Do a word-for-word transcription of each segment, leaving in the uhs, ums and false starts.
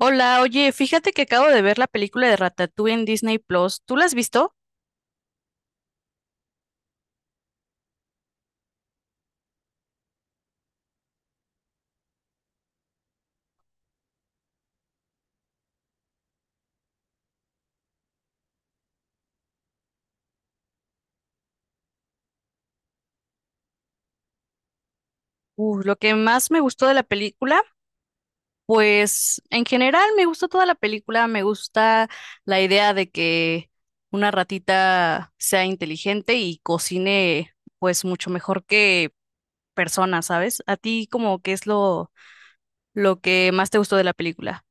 Hola, oye, fíjate que acabo de ver la película de Ratatouille en Disney Plus. ¿Tú la has visto? Uh, lo que más me gustó de la película, pues en general me gustó toda la película, me gusta la idea de que una ratita sea inteligente y cocine pues mucho mejor que personas, ¿sabes? ¿A ti como qué es lo lo que más te gustó de la película?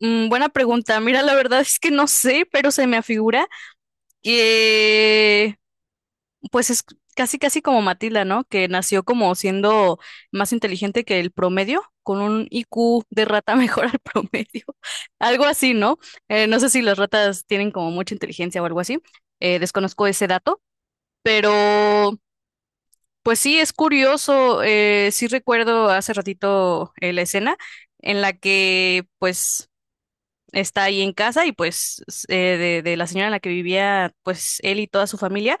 Mm, buena pregunta. Mira, la verdad es que no sé, pero se me afigura que pues es casi, casi como Matilda, ¿no? Que nació como siendo más inteligente que el promedio, con un I Q de rata mejor al promedio. Algo así, ¿no? Eh, no sé si las ratas tienen como mucha inteligencia o algo así. Eh, desconozco ese dato, pero pues sí, es curioso. Eh, sí recuerdo hace ratito eh, la escena en la que pues está ahí en casa y pues s- eh, de de la señora en la que vivía pues él y toda su familia.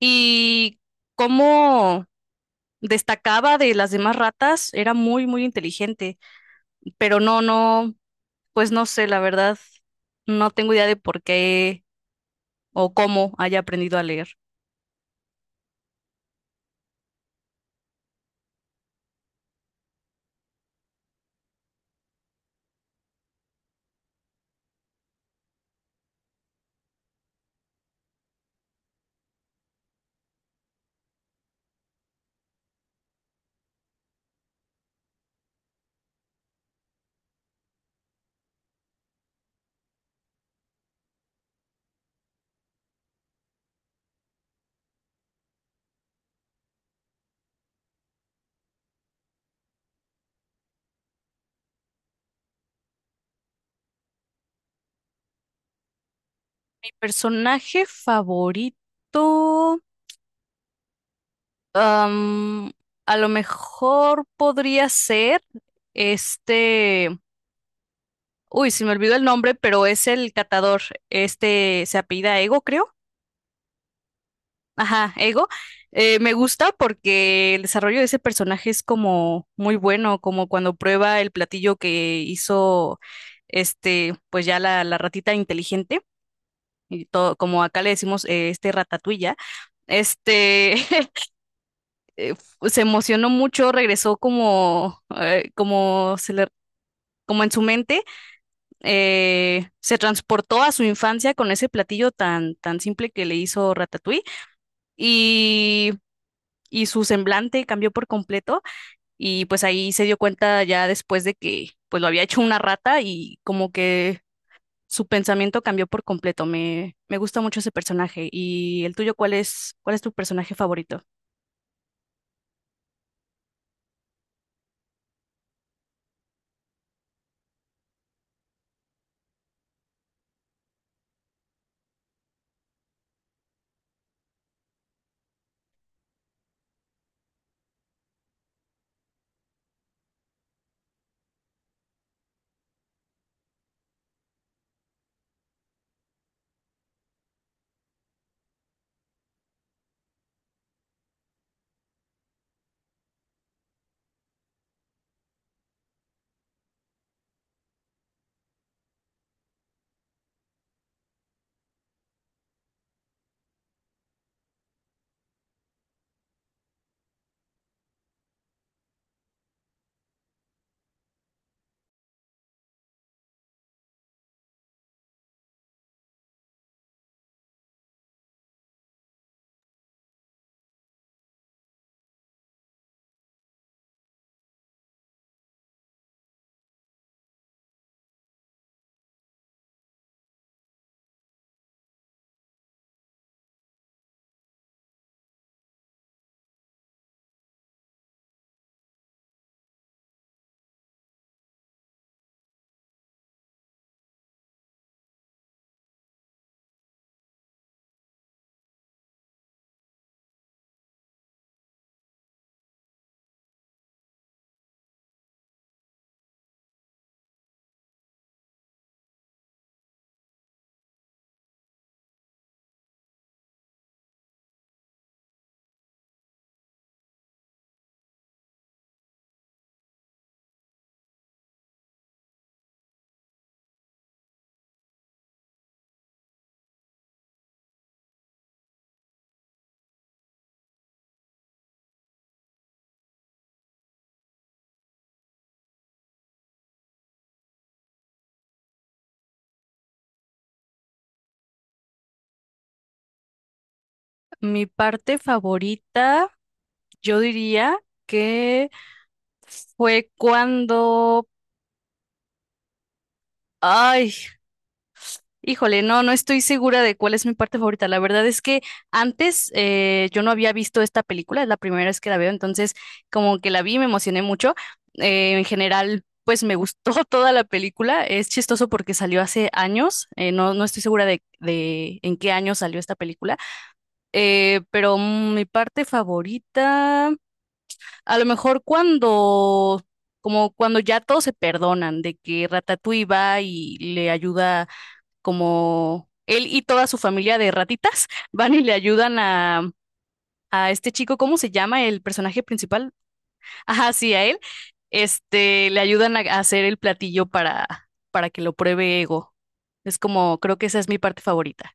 Y cómo destacaba de las demás ratas, era muy, muy inteligente, pero no, no, pues no sé, la verdad, no tengo idea de por qué o cómo haya aprendido a leer. Mi personaje favorito, am, a lo mejor podría ser este, uy, se me olvidó el nombre, pero es el catador, este se apellida Ego, creo. Ajá, Ego, eh, me gusta porque el desarrollo de ese personaje es como muy bueno, como cuando prueba el platillo que hizo este, pues ya la, la ratita inteligente, y todo, como acá le decimos, eh, este ratatouille, este, se emocionó mucho, regresó como, eh, como se le, como en su mente, eh, se transportó a su infancia con ese platillo tan, tan simple que le hizo Ratatouille y, y su semblante cambió por completo. Y pues ahí se dio cuenta ya después de que pues lo había hecho una rata y como que su pensamiento cambió por completo. Me, me gusta mucho ese personaje. ¿Y el tuyo cuál es, cuál es tu personaje favorito? Mi parte favorita, yo diría que fue cuando, ay, híjole, no, no estoy segura de cuál es mi parte favorita. La verdad es que antes eh, yo no había visto esta película, es la primera vez que la veo, entonces como que la vi y me emocioné mucho. Eh, en general, pues me gustó toda la película. Es chistoso porque salió hace años, eh, no, no estoy segura de, de en qué año salió esta película, eh, pero mm, mi parte favorita, a lo mejor cuando... Como cuando ya todos se perdonan de que Ratatouille va y le ayuda como él y toda su familia de ratitas van y le ayudan a, a este chico, ¿cómo se llama el personaje principal? Ajá, sí, a él. Este, le ayudan a a hacer el platillo para, para que lo pruebe Ego. Es como, creo que esa es mi parte favorita.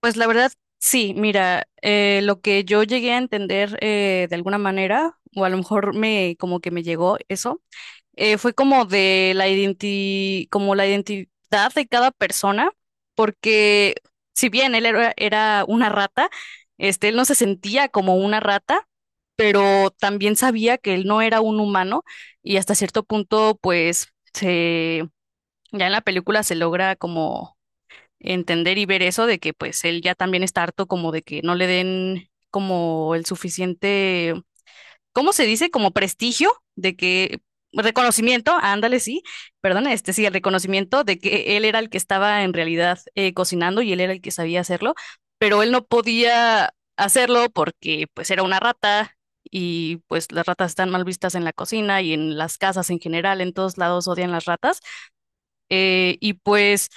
Pues la verdad, sí, mira, eh, lo que yo llegué a entender eh, de alguna manera, o a lo mejor me, como que me llegó eso, eh, fue como de la identi- como la identidad de cada persona, porque si bien él era, era una rata, este, él no se sentía como una rata, pero también sabía que él no era un humano y hasta cierto punto, pues, se, ya en la película se logra como entender y ver eso de que pues él ya también está harto como de que no le den como el suficiente, ¿cómo se dice? Como prestigio de que, reconocimiento, ándale, sí, perdón, este sí, el reconocimiento de que él era el que estaba en realidad eh, cocinando y él era el que sabía hacerlo, pero él no podía hacerlo porque pues era una rata y pues las ratas están mal vistas en la cocina y en las casas en general, en todos lados odian las ratas. Eh, y pues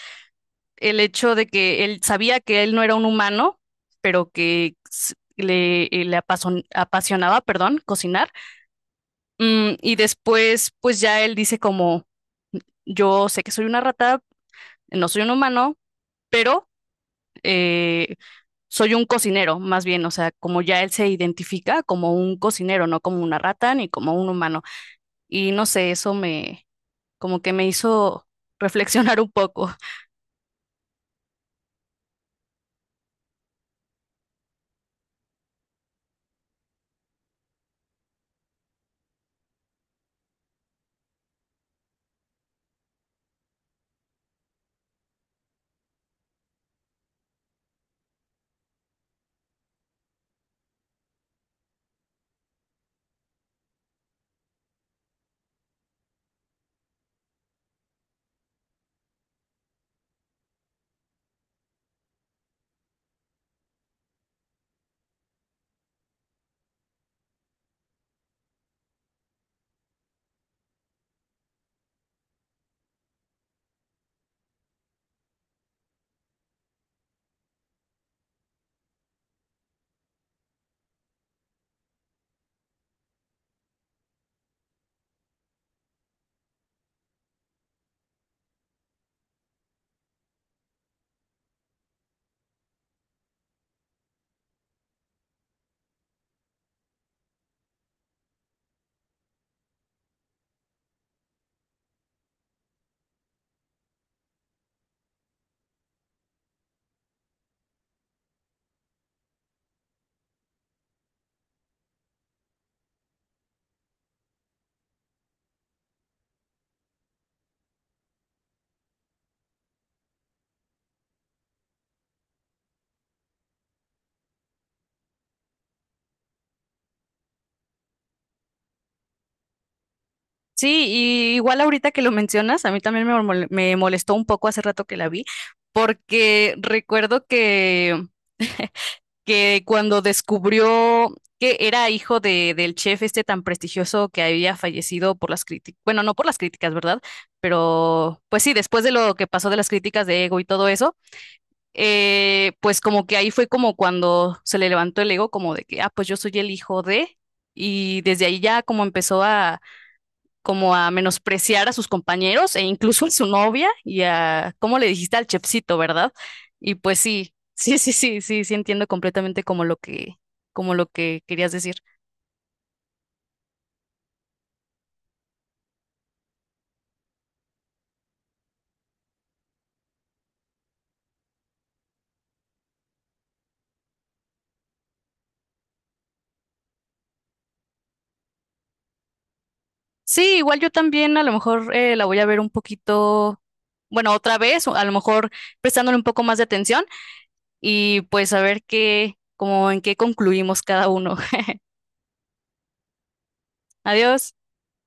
el hecho de que él sabía que él no era un humano, pero que s- le, le apason- apasionaba, perdón, cocinar. Mm, y después, pues ya él dice como, yo sé que soy una rata, no soy un humano, pero eh, soy un cocinero, más bien, o sea, como ya él se identifica como un cocinero, no como una rata ni como un humano. Y no sé, eso me, como que me hizo reflexionar un poco. Sí, y igual ahorita que lo mencionas, a mí también me mol- me molestó un poco hace rato que la vi, porque recuerdo que que cuando descubrió que era hijo de, del chef este tan prestigioso que había fallecido por las críticas, bueno, no por las críticas, ¿verdad? Pero pues sí, después de lo que pasó de las críticas de ego y todo eso, eh, pues como que ahí fue como cuando se le levantó el ego, como de que, ah, pues yo soy el hijo de, y desde ahí ya como empezó a, como a menospreciar a sus compañeros e incluso a su novia y a, ¿cómo le dijiste al chefcito, verdad? Y pues sí, sí, sí, sí, sí, sí entiendo completamente como lo que, como lo que querías decir. Sí, igual yo también a lo mejor eh, la voy a ver un poquito, bueno, otra vez, o a lo mejor prestándole un poco más de atención y pues a ver qué, como en qué concluimos cada uno. Adiós.